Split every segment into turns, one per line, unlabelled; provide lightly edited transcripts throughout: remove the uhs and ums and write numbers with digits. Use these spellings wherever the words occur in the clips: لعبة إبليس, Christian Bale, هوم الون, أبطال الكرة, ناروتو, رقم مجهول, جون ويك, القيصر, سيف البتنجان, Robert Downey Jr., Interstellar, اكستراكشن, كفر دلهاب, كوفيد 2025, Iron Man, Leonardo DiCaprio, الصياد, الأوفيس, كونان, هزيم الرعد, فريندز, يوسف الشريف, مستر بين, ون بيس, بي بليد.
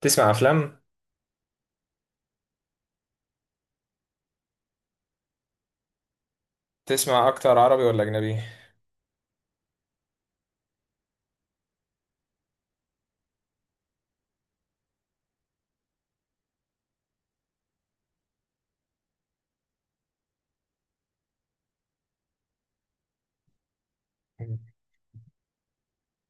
تسمع افلام؟ تسمع اكتر عربي ولا اجنبي؟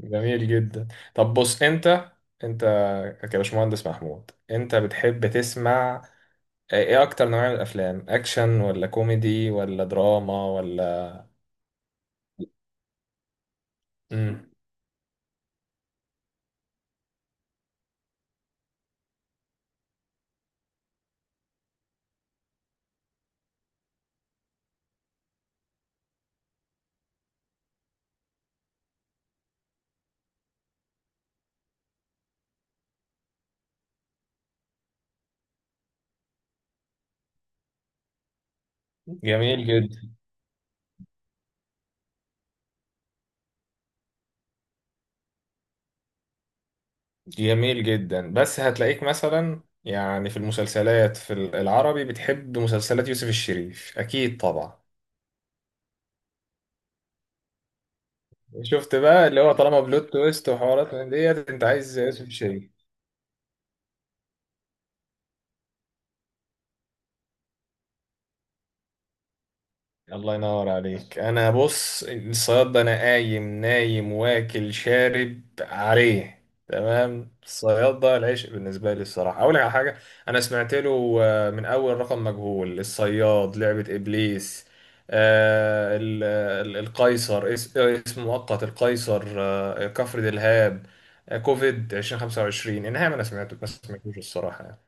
جميل جدا. طب بص انت كباشمهندس محمود، انت بتحب تسمع ايه اكتر نوع من الافلام؟ اكشن ولا كوميدي ولا دراما ولا... مم. جميل جدا. جميل جدا، بس هتلاقيك مثلا يعني في المسلسلات، في العربي بتحب مسلسلات يوسف الشريف اكيد طبعا. شفت بقى اللي هو طالما بلوت تويست وحوارات من ديت، انت عايز يوسف الشريف. الله ينور عليك. انا بص، الصياد ده انا قايم نايم واكل شارب عليه. تمام، الصياد ده العشق بالنسبه لي الصراحه. اقول لك على حاجه، انا سمعت له من اول رقم مجهول، الصياد، لعبه ابليس، آه، ال- القيصر اسم مؤقت، القيصر، كفر دلهاب، كوفيد 2025، انها انا سمعته بس ما سمعتوش الصراحه يعني.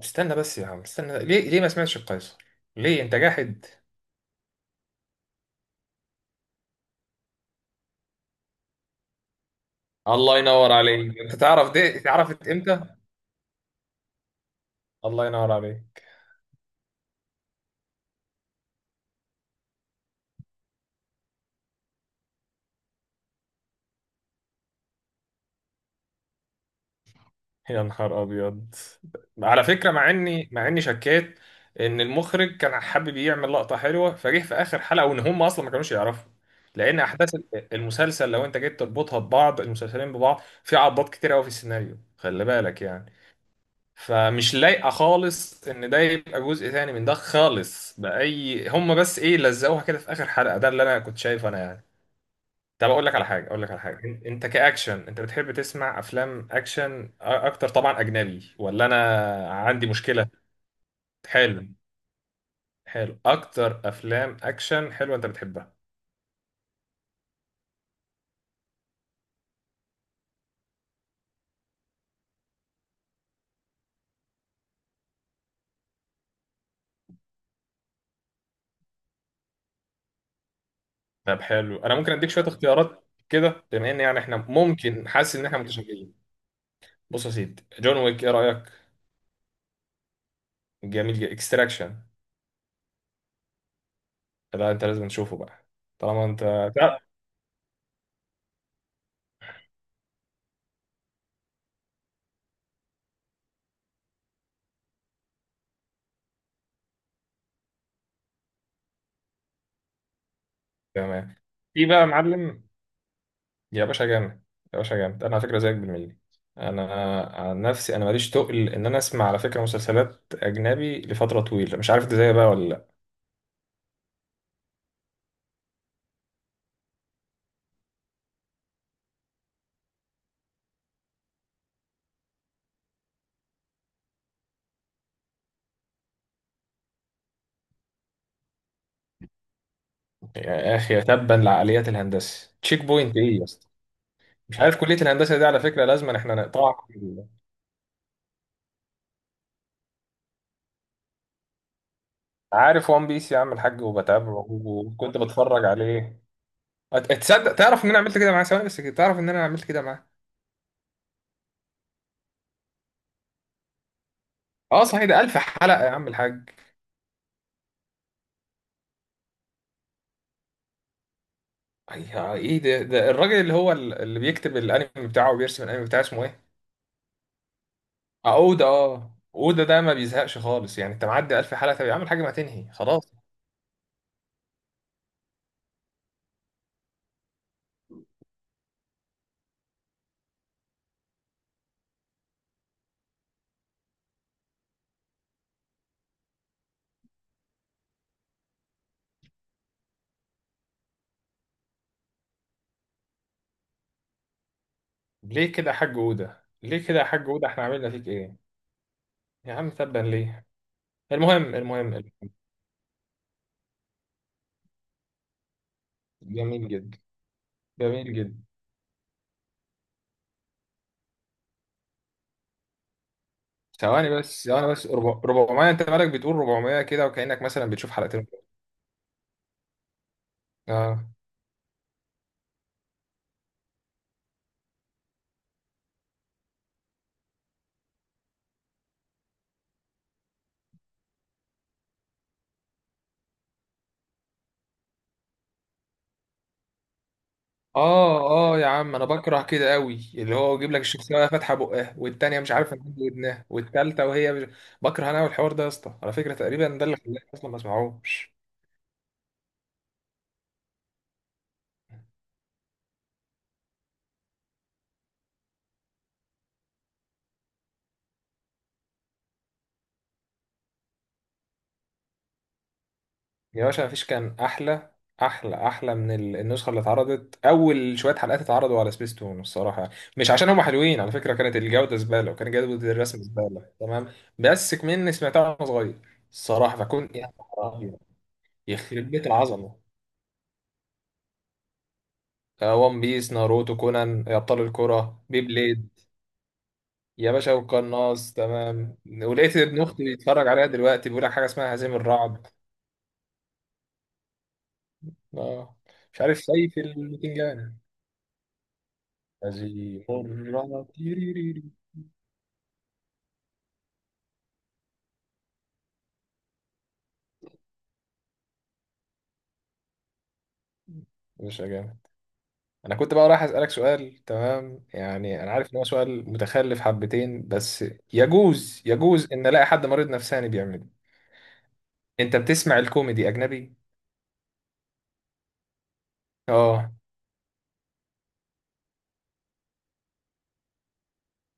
استنى بس يا عم، استنى، ليه ما سمعتش القيصر؟ ليه انت جاحد؟ الله ينور عليك. انت تعرف دي اتعرفت امتى؟ الله ينور عليك. يا نهار ابيض. على فكره، مع اني شكيت ان المخرج كان حابب يعمل لقطه حلوه فجه في اخر حلقه، وان هم اصلا ما كانوش يعرفوا، لان احداث المسلسل لو انت جيت تربطها ببعض، المسلسلين ببعض، في عضات كتير قوي في السيناريو، خلي بالك يعني. فمش لايقه خالص ان ده يبقى جزء تاني من ده خالص، باي. هم بس ايه لزقوها كده في اخر حلقه، ده اللي انا كنت شايفه انا يعني. طب اقول لك على حاجه، اقول لك على حاجه، انت كاكشن، انت بتحب تسمع افلام اكشن اكتر طبعا، اجنبي ولا انا عندي مشكله؟ حلو. حلو، اكتر افلام اكشن حلوه انت بتحبها؟ طب حلو، انا ممكن اديك شويه اختيارات كده بما ان يعني احنا ممكن، حاسس ان احنا متشابهين. بص يا سيدي، جون ويك ايه رايك؟ جميل جدا. اكستراكشن، ده انت لازم تشوفه بقى. طالما انت... تمام. في بقى يا معلم. يا باشا جامد. يا باشا جامد، انا على فكره زيك بالملي. انا عن نفسي، انا ماليش تقل ان انا اسمع على فكره مسلسلات اجنبي لفتره طويله، مش عارف انت زيي بقى ولا لا. يا اخي تبا لعقليات الهندسه، تشيك بوينت ايه يا اسطى؟ مش عارف، كليه الهندسه دي على فكره لازم احنا نقطعها. عارف وان بيس يا عم الحاج، وبتابعه، وكنت بتفرج عليه. تصدق، تعرف ان انا عملت كده معاه؟ ثواني بس، كده تعرف ان انا عملت كده معاه. اه صحيح، ده ألف حلقة يا عم الحاج. ايه ده الراجل اللي هو اللي بيكتب الانمي بتاعه وبيرسم الانمي بتاعه، اسمه ايه؟ عقودة. اه، عقودة ده ما بيزهقش خالص يعني، انت معدي ألف حلقة طب يا عم الحاج، ما تنهي خلاص. ليه كده يا حاج عقودة؟ ليه كده يا حاج عقودة؟ احنا عملنا فيك ايه؟ يا عم تبا ليه. المهم، المهم. جميل جدا. جميل جدا. ثواني بس، ثواني بس، 400؟ انت مالك بتقول 400 كده وكأنك مثلا بتشوف حلقتين؟ اه اه. اه يا عم، انا بكره كده قوي اللي هو يجيب لك الشخصيه وهي فاتحه بقها، والتانيه مش عارفه مد ودنها، والتالته وهي مش... بكره انا والحوار ده يا اسطى، على فكره تقريبا ده اللي خلاني اصلا ما اسمعوش. يا باشا مفيش كان احلى. احلى، احلى من النسخه اللي اتعرضت اول شويه حلقات، اتعرضوا على سبيس تون الصراحه. مش عشان هم حلوين، على فكره كانت الجوده زباله، وكان جوده الرسم زباله، تمام. بس كمان سمعتها وانا صغير الصراحه، فكنت يا نهار أبيض. يخرب بيت العظمه. ون بيس، ناروتو، كونان، ابطال الكره، بي بليد. يا باشا والقناص تمام. ولقيت ابن اختي بيتفرج عليها دلوقتي، بيقول لك حاجه اسمها هزيم الرعد. اه. مش عارف سيف البتنجان. هذه مرة. مش جامد؟ انا كنت بقى رايح اسالك سؤال، تمام يعني انا عارف ان هو سؤال متخلف حبتين بس، يجوز ان الاقي حد مريض نفساني بيعمله. انت بتسمع الكوميدي اجنبي؟ اه.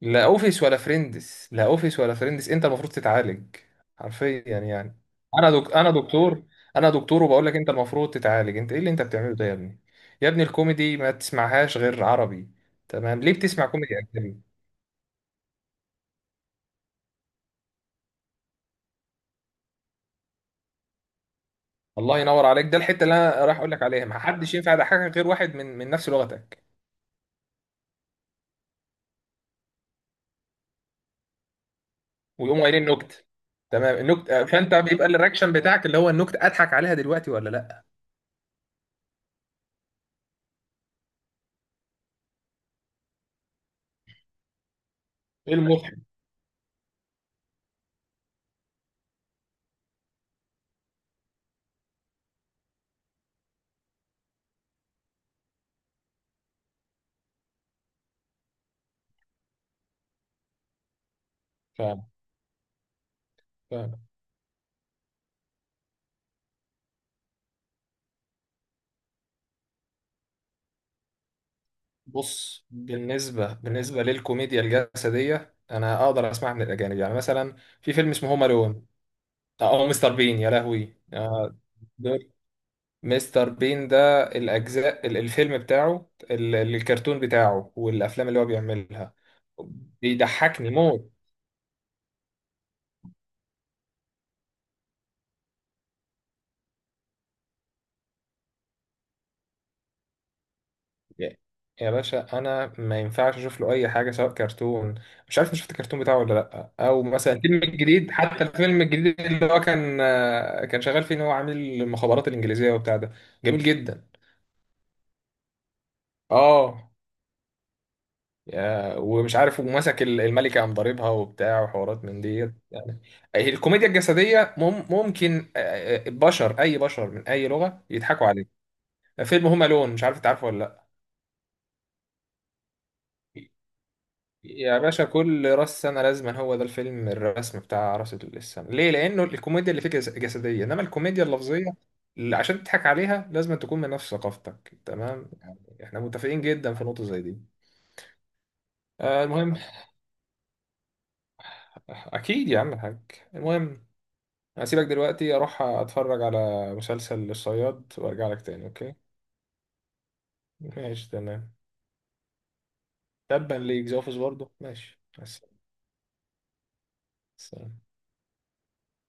لا اوفيس ولا فريندز، لا اوفيس ولا فريندز، انت المفروض تتعالج، حرفيا يعني. انا دكتور. انا دكتور وبقول لك انت المفروض تتعالج، انت ايه اللي انت بتعمله ده يا ابني؟ يا ابني، الكوميدي ما تسمعهاش غير عربي، تمام؟ ليه بتسمع كوميدي اجنبي؟ الله ينور عليك، ده الحته اللي انا رايح اقول لك عليها، ما حدش ينفع يضحكك غير واحد من نفس لغتك، ويقوم قايلين نكت، تمام؟ النكت فانت بيبقى الرياكشن بتاعك اللي هو النكت، اضحك عليها دلوقتي ولا لا؟ ايه المضحك؟ فاهم؟ فاهم. بص، بالنسبه للكوميديا الجسديه، انا اقدر اسمعها من الاجانب، يعني مثلا في فيلم اسمه هوم الون، او مستر بين، يا لهوي. دول، مستر بين ده، الاجزاء الفيلم بتاعه، الكرتون بتاعه، والافلام اللي هو بيعملها، بيضحكني موت. يا يا باشا، انا ما ينفعش اشوف له اي حاجه سواء كرتون. مش عارف إنت شفت الكرتون بتاعه ولا لا؟ او مثلا الفيلم الجديد، حتى الفيلم الجديد اللي هو كان كان شغال فيه ان هو عامل المخابرات الانجليزيه وبتاع ده، جميل جدا. اه، يا. ومش عارف، ومسك الملكه قام ضاربها وبتاع، وحوارات من ديت يعني. الكوميديا الجسديه ممكن، بشر، اي بشر من اي لغه يضحكوا عليه. فيلم هوم الون، مش عارف انت عارفه ولا لا؟ يا باشا، كل راس سنة لازما هو ده الفيلم الرسم بتاع راس السنة. ليه؟ لأنه الكوميديا اللي فيه جسدية، إنما الكوميديا اللفظية اللي عشان تضحك عليها لازم تكون من نفس ثقافتك، تمام يعني. احنا متفقين جدا في نقطة زي دي. المهم، أكيد يا عم الحاج. المهم، هسيبك دلوقتي أروح أتفرج على مسلسل الصياد وأرجع لك تاني، أوكي؟ ماشي تمام. تبا ليك زوفس برضه، ماشي. بس.